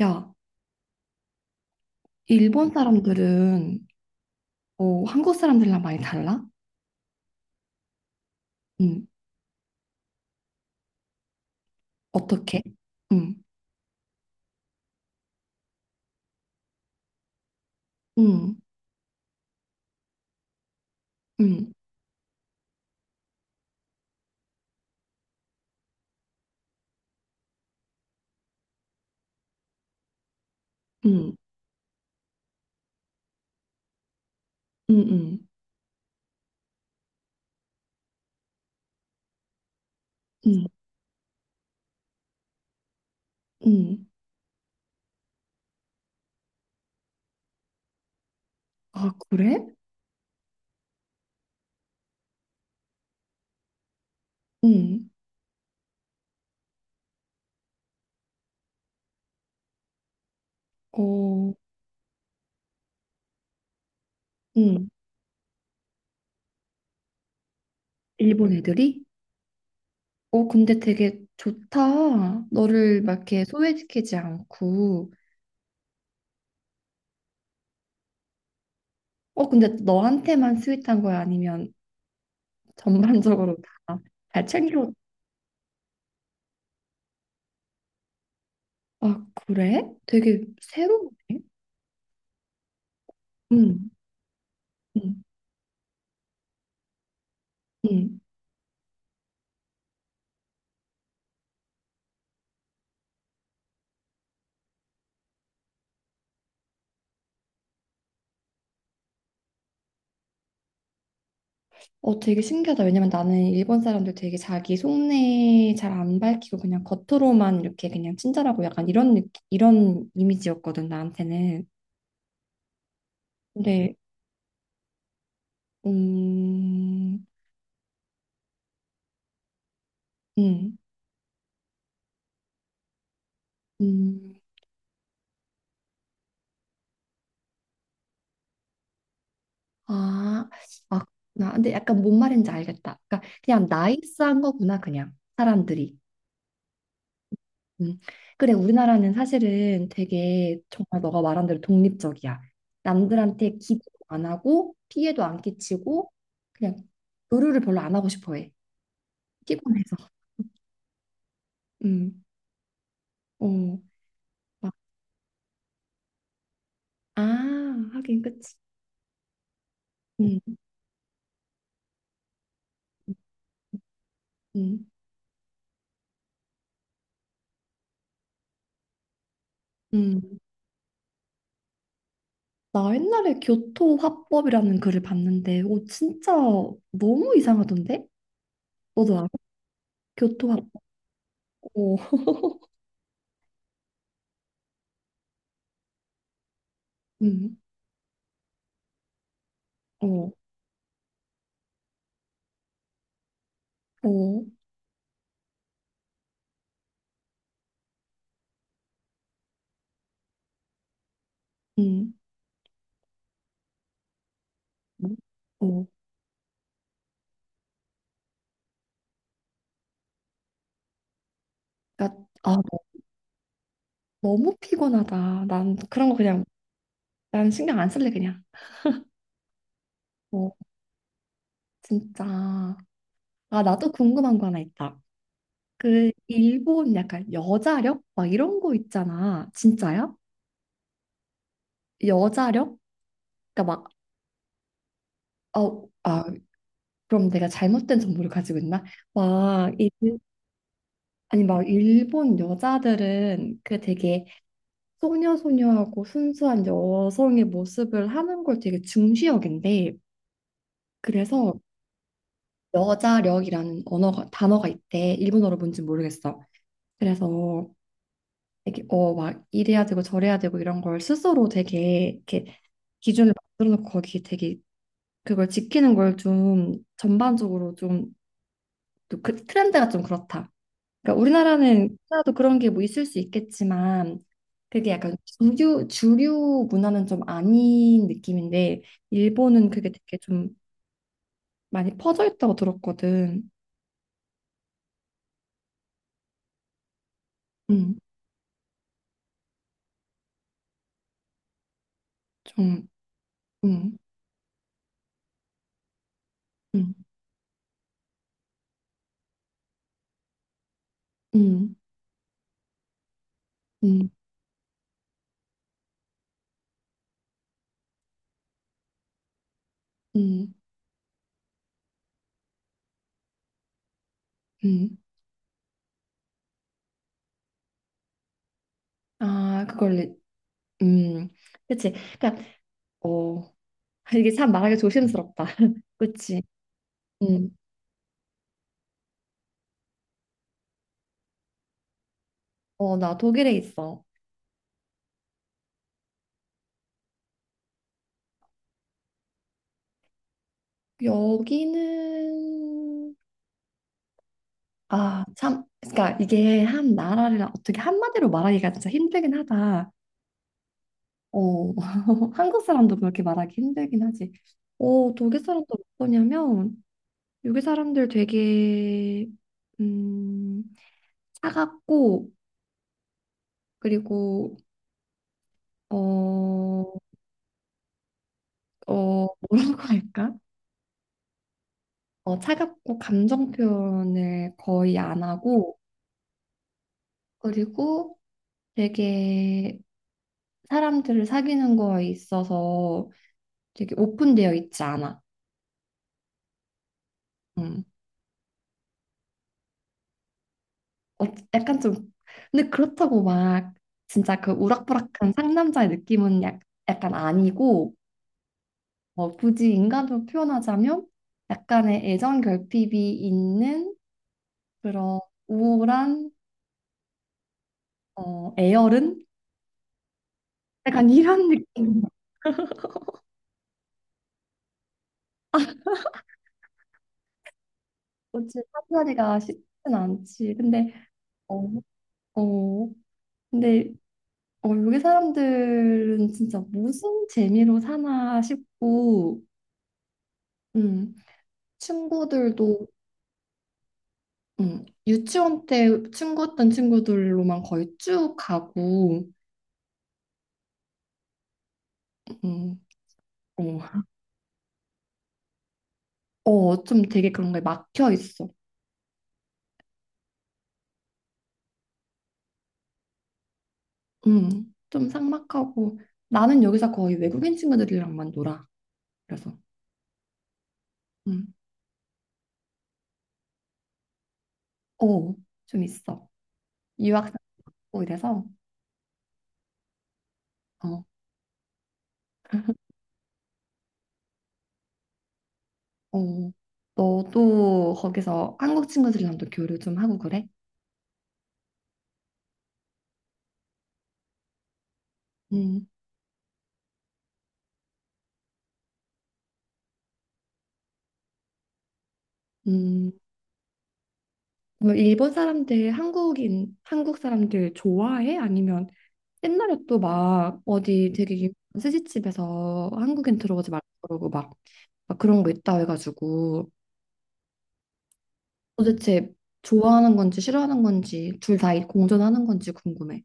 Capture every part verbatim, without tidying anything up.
야, 일본 사람들은 어, 한국 사람들이랑 많이 달라? 응, 어떻게? 응, 응, 응, 응, 응, 응, 응, 응. 응. 아, 그래? 응, 어, 응. 일본 애들이? 어, 근데 되게 좋다. 너를 막 이렇게 소외시키지 않고. 어, 근데 너한테만 스윗한 거야? 아니면 전반적으로 다 잘 챙겨? 아, 그래? 되게 새로운데? 응, 응, 응. 어, 되게 신기하다. 왜냐면 나는 일본 사람들 되게 자기 속내 잘 안 밝히고 그냥 겉으로만 이렇게 그냥 친절하고 약간 이런 느낌, 이런 이미지였거든, 나한테는. 근데, 음, 음, 음, 아, 아, 나 근데 약간 뭔 말인지 알겠다. 그러니까 그냥 나이스한 거구나, 그냥 사람들이. 음. 그래, 우리나라는 사실은 되게 정말 너가 말한 대로 독립적이야. 남들한테 기대도 안 하고 피해도 안 끼치고 그냥 의료를 별로 안 하고 싶어 해. 피곤해서. 음. 어. 막, 아, 하긴 그치. 음. 음. 음. 나 옛날에 교토화법이라는 글을 봤는데 오 진짜 너무 이상하던데? 너도 알아? 교토화법. 어. 음. 어. 어. 음. 어. 그러니까 아, 너무 피곤하다. 난 그런 거 그냥 난 신경 안 쓸래 그냥. 어, 진짜. 아, 나도 궁금한 거 하나 있다. 그 일본 약간 여자력 막 이런 거 있잖아. 진짜야? 여자력? 그러니까 막 어, 아, 그럼 내가 잘못된 정보를 가지고 있나? 막 일, 아니 막 일본 여자들은 그 되게 소녀소녀하고 순수한 여성의 모습을 하는 걸 되게 중시 여긴대. 그래서 여자력이라는 언어가 단어가 있대. 일본어로 뭔지 모르겠어. 그래서 되게 어막 이래야 되고 저래야 되고 이런 걸 스스로 되게 이렇게 기준을 만들어 놓고 거기 되게 그걸 지키는 걸 좀 전반적으로 좀 또 그 트렌드가 좀 그렇다. 그러니까 우리나라는 나도 그런 게 뭐 있을 수 있겠지만 그게 약간 주류 주류 문화는 좀 아닌 느낌인데 일본은 그게 되게 좀 많이 퍼져 있다고 들었거든. 음, 좀 음, 음, 음. 음, 음, 음. 아, 그걸, 리- 음, 그치. 그니까, 어, 이게 참 말하기 조심스럽다. 그치. 음, 어, 나 독일에 있어. 여기는, 아, 참, 그니까 이게 한 나라를 어떻게 한마디로 말하기가 진짜 힘들긴 하다. 어, 한국 사람도 그렇게 말하기 힘들긴 하지. 어, 독일 사람도 어떠냐면, 여기 사람들 되게, 음, 차갑고, 그리고 어, 어, 뭐라고 할까? 어, 차갑고 감정 표현을 거의 안 하고, 그리고 되게 사람들을 사귀는 거에 있어서 되게 오픈되어 있지 않아. 음. 어, 약간 좀, 근데 그렇다고 막 진짜 그 우락부락한 상남자의 느낌은 약, 약간 아니고, 어, 굳이 인간으로 표현하자면 약간의 애정 결핍이 있는 그런 우울한 어, 애열은 약간 이런 느낌. 어찌 사투리가 쉽진 않지. 근데 어, 어, 근데 어, 여기 사람들은 진짜 무슨 재미로 사나 싶고, 음, 친구들도 음, 유치원 때 친구였던 친구들로만 거의 쭉 가고, 음, 어, 어, 좀 되게 그런 거에 막혀 있어. 음, 좀 삭막하고 나는 여기서 거의 외국인 친구들이랑만 놀아. 그래서 음, 어, 좀 있어. 유학 뭐 이래서 어, 어, 너도 거기서 한국 친구들이랑도 교류 좀 하고 그래? 음, 음, 그럼 일본 사람들 한국인 한국 사람들 좋아해? 아니면 옛날에 또 막 어디 되게 유명한 스시집에서 한국인 들어오지 말라고 그러고 막, 막 그런 거 있다 해가지고 도대체 좋아하는 건지 싫어하는 건지 둘 다 공존하는 건지 궁금해.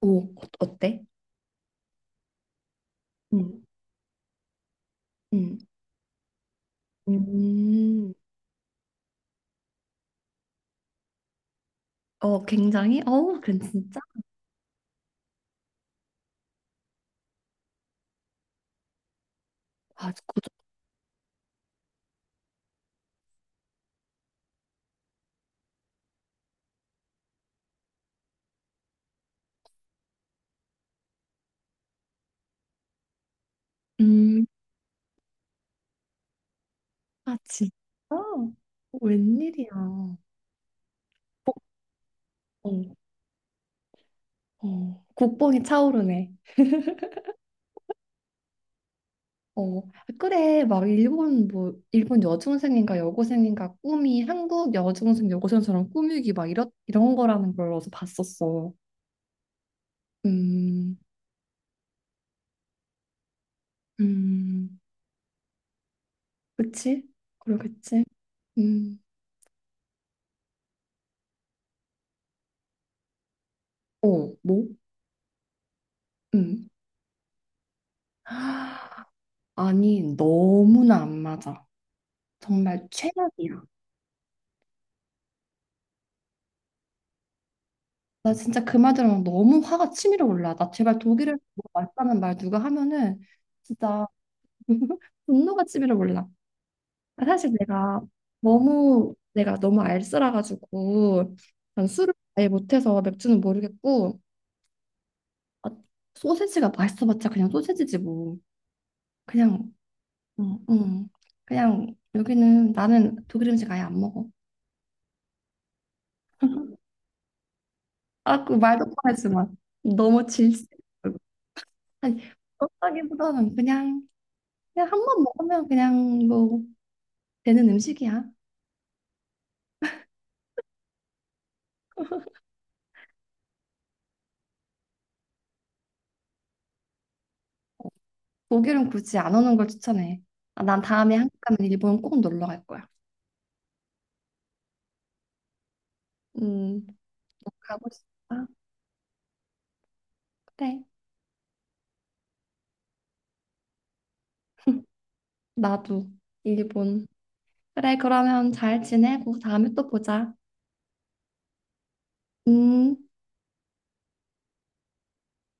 오, 어- 어때? 음, 음, 음, 어, 굉장히, 어, 그 진짜. 아, 음, 아, 진짜? 웬일이야. 국뽕 어. 국뽕이 차오르네. 어, 아, 그래, 막 일본 뭐 일본 여중생인가 여고생인가 꿈이 한국 여중생 여고생처럼 꾸미기 막 이런 이런 거라는 걸 어디서 봤었어. 음, 음, 그치? 그러겠지? 음, 어, 뭐? 음, 아니 너무나 안 맞아. 정말 최악이야. 나 진짜 그 말 들으면 너무 화가 치밀어 올라. 나 제발 독일을 있다는 말 누가 하면은 진짜 분노가 치밀어 올라. 아, 사실 내가 너무 내가 너무 알쓰라가지고 난 술을 아예 못해서 맥주는 모르겠고 아, 소세지가 맛있어봤자 그냥 소세지지 뭐. 그냥 응, 응. 그냥 여기는 나는 독일 음식 아예 안 먹어. 아, 그 말도 뻔했지만 너무 질색. 아니 그렇다기보다는 그냥. 그냥 한 번 먹으면 그냥 뭐 되는 음식이야. 독일은 굳이 안 오는 걸 추천해. 아, 난 다음에 한국 가면 일본 꼭 놀러 갈 거야. 음, 너 가고 싶다. 그래. 나도 일본. 그래, 그러면 잘 지내고 다음에 또 보자. 음.